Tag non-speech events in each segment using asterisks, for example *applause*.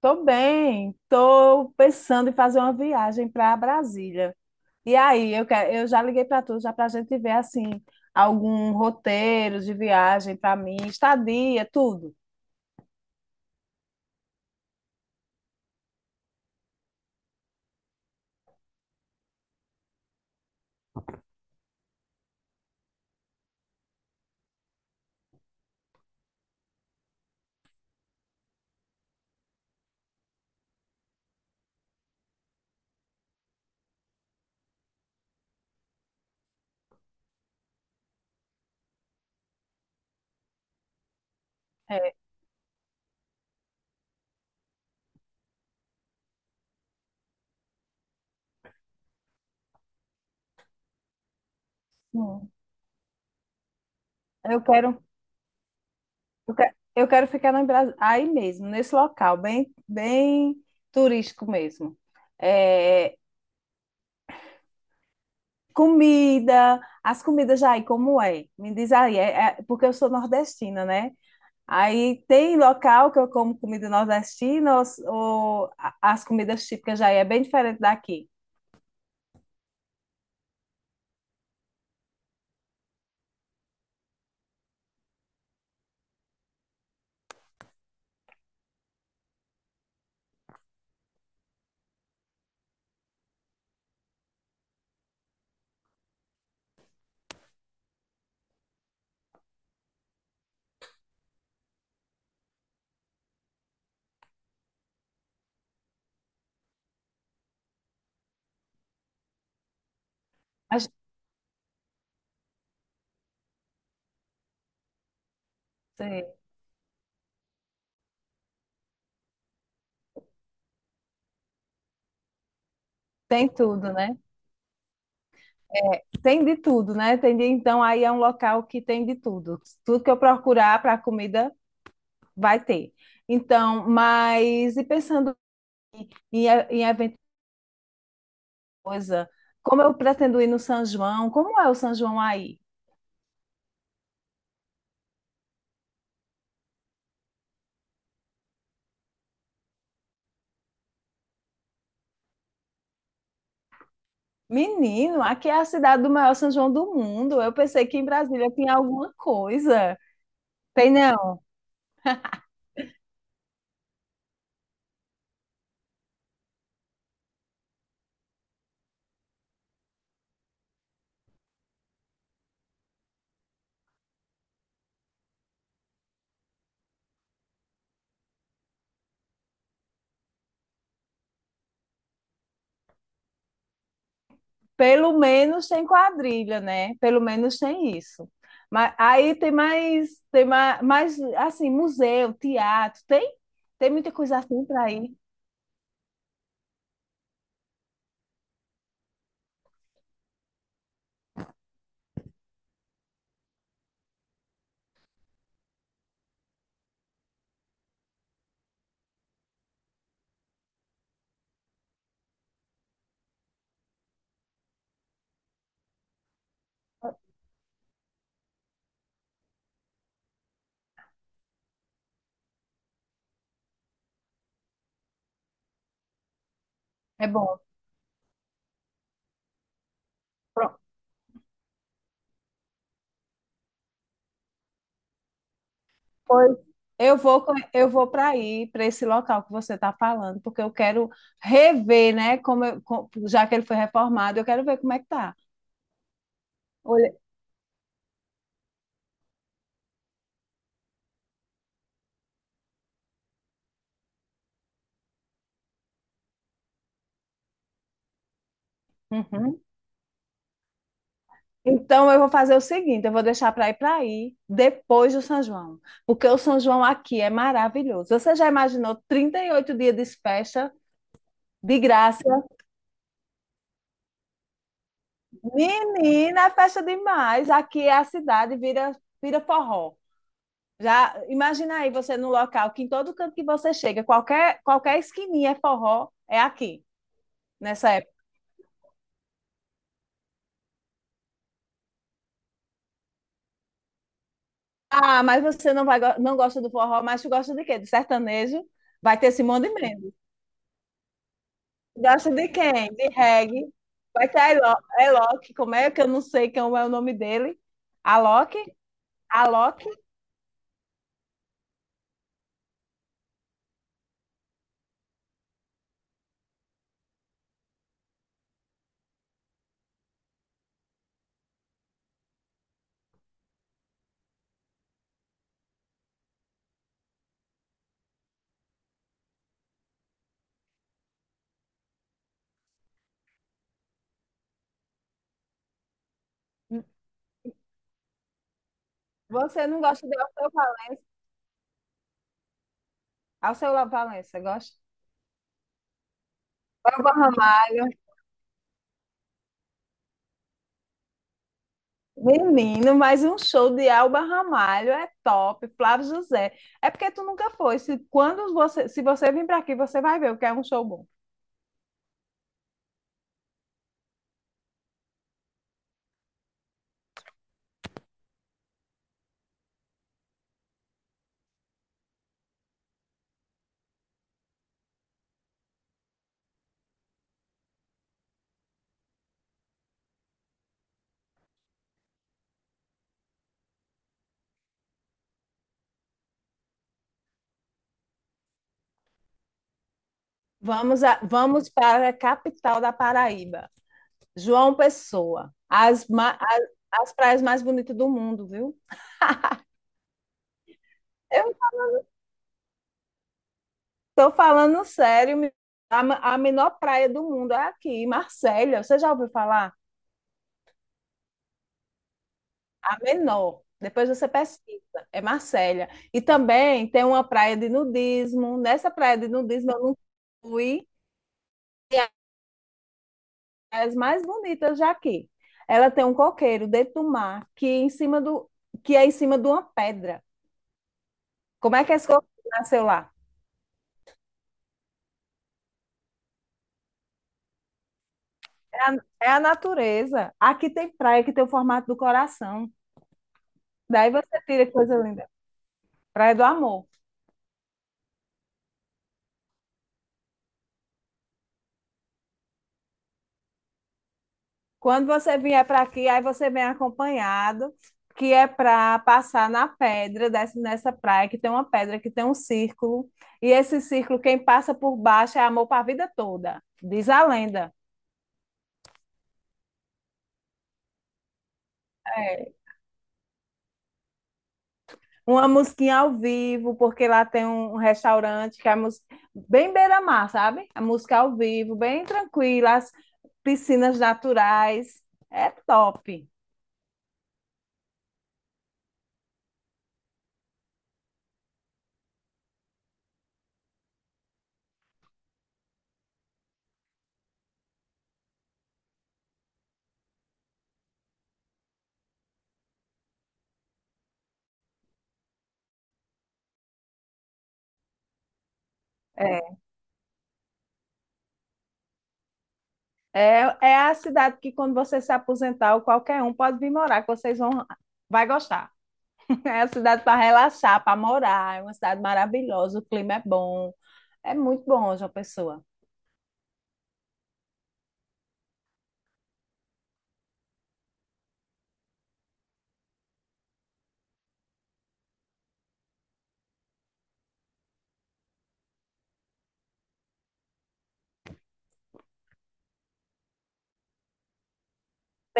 Tô bem, tô pensando em fazer uma viagem para Brasília. E aí, eu já liguei para tu, já para a gente ver assim algum roteiro de viagem para mim, estadia, tudo. É, hum. eu quero, eu quero ficar no aí mesmo, nesse local, bem turístico mesmo. É, comida, as comidas aí, como é? Me diz aí, porque eu sou nordestina, né? Aí tem local que eu como comida nordestina, ou, as comidas típicas já é bem diferente daqui. A gente tem tudo, né? Tem de tudo, né? Tem de, então aí é um local que tem de tudo. Tudo que eu procurar para comida vai ter. Então, mas e pensando em, em evento coisa, como eu pretendo ir no São João, como é o São João aí? Menino, aqui é a cidade do maior São João do mundo. Eu pensei que em Brasília tinha alguma coisa. Tem não? Pelo menos tem quadrilha, né? Pelo menos tem isso. Mas aí mais assim, museu, teatro, tem, tem muita coisa assim para ir. É bom. Pronto. Pois eu vou, eu vou para aí, para esse local que você está falando, porque eu quero rever, né? Como já que ele foi reformado, eu quero ver como é que tá. Olha, uhum. Então, eu vou fazer o seguinte, eu vou deixar para ir para aí depois do São João, porque o São João aqui é maravilhoso. Você já imaginou 38 dias de festa de graça? Menina, é festa demais. Aqui é vira forró. Já imagina aí você num local que em todo canto que você chega, qualquer esquininha é forró, é aqui, nessa época. Ah, mas você não vai não gosta do forró, mas tu gosta de quê? De sertanejo? Vai ter Simone de gosta de quem? De reggae. Vai ter a Alok, como é que eu não sei como é o nome dele? Alok? Alok? Você não gosta de Alceu Valença? Alceu Valença, gosta? Alba Ramalho. Menino, mas um show de Alba Ramalho é top. Flávio José. É porque tu nunca foi. Se, quando você, se você vir para aqui, você vai ver o que é um show bom. Vamos, vamos para a capital da Paraíba. João Pessoa. As praias mais bonitas do mundo, viu? Estou falando sério, a menor praia do mundo é aqui, Marsella. Você já ouviu falar? A menor. Depois você pesquisa. É Marsella. E também tem uma praia de nudismo. Nessa praia de nudismo eu não fui. E é as mais bonitas já aqui. Ela tem um coqueiro dentro do mar que é em cima do que é em cima de uma pedra. Como é que esse coqueiro nasceu lá? É a, é a natureza. Aqui tem praia que tem o formato do coração. Daí você tira que coisa linda. Praia do Amor. Quando você vier para aqui, aí você vem acompanhado, que é para passar na pedra, dessa nessa praia, que tem uma pedra, que tem um círculo. E esse círculo, quem passa por baixo é amor para a vida toda, diz a lenda. É. Uma musiquinha ao vivo, porque lá tem um restaurante que é bem beira-mar, sabe? A música ao vivo, bem tranquila, as piscinas naturais. É top. É, é a cidade que, quando você se aposentar, ou qualquer um pode vir morar, que vocês vão, vai gostar. *laughs* É a cidade para relaxar, para morar. É uma cidade maravilhosa, o clima é bom. É muito bom, João Pessoa.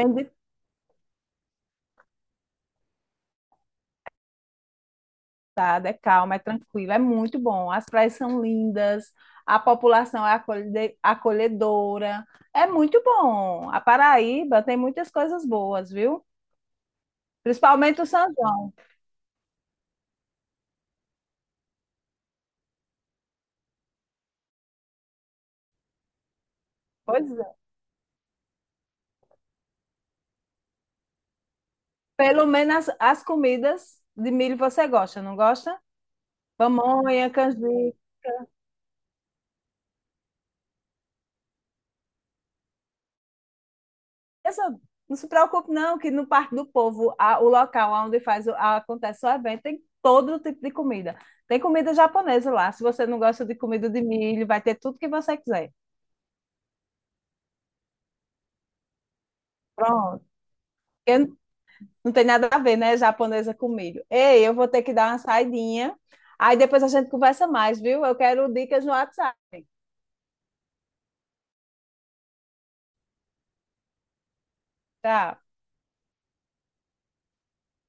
Tem de tudo, é calma, é tranquilo, é muito bom. As praias são lindas, a população é acolhedora. É muito bom. A Paraíba tem muitas coisas boas, viu? Principalmente o São João. Pois é. Pelo menos as, as comidas de milho você gosta, não gosta? Pamonha, canjica. Eu só- não se preocupe, não, que no Parque do Povo, a- o local onde faz o- acontece o evento, tem todo tipo de comida. Tem comida japonesa lá. Se você não gosta de comida de milho, vai ter tudo que você quiser. Pronto. Porque não tem nada a ver, né? Japonesa com milho. Ei, eu vou ter que dar uma saidinha. Aí depois a gente conversa mais, viu? Eu quero dicas no WhatsApp. Tá.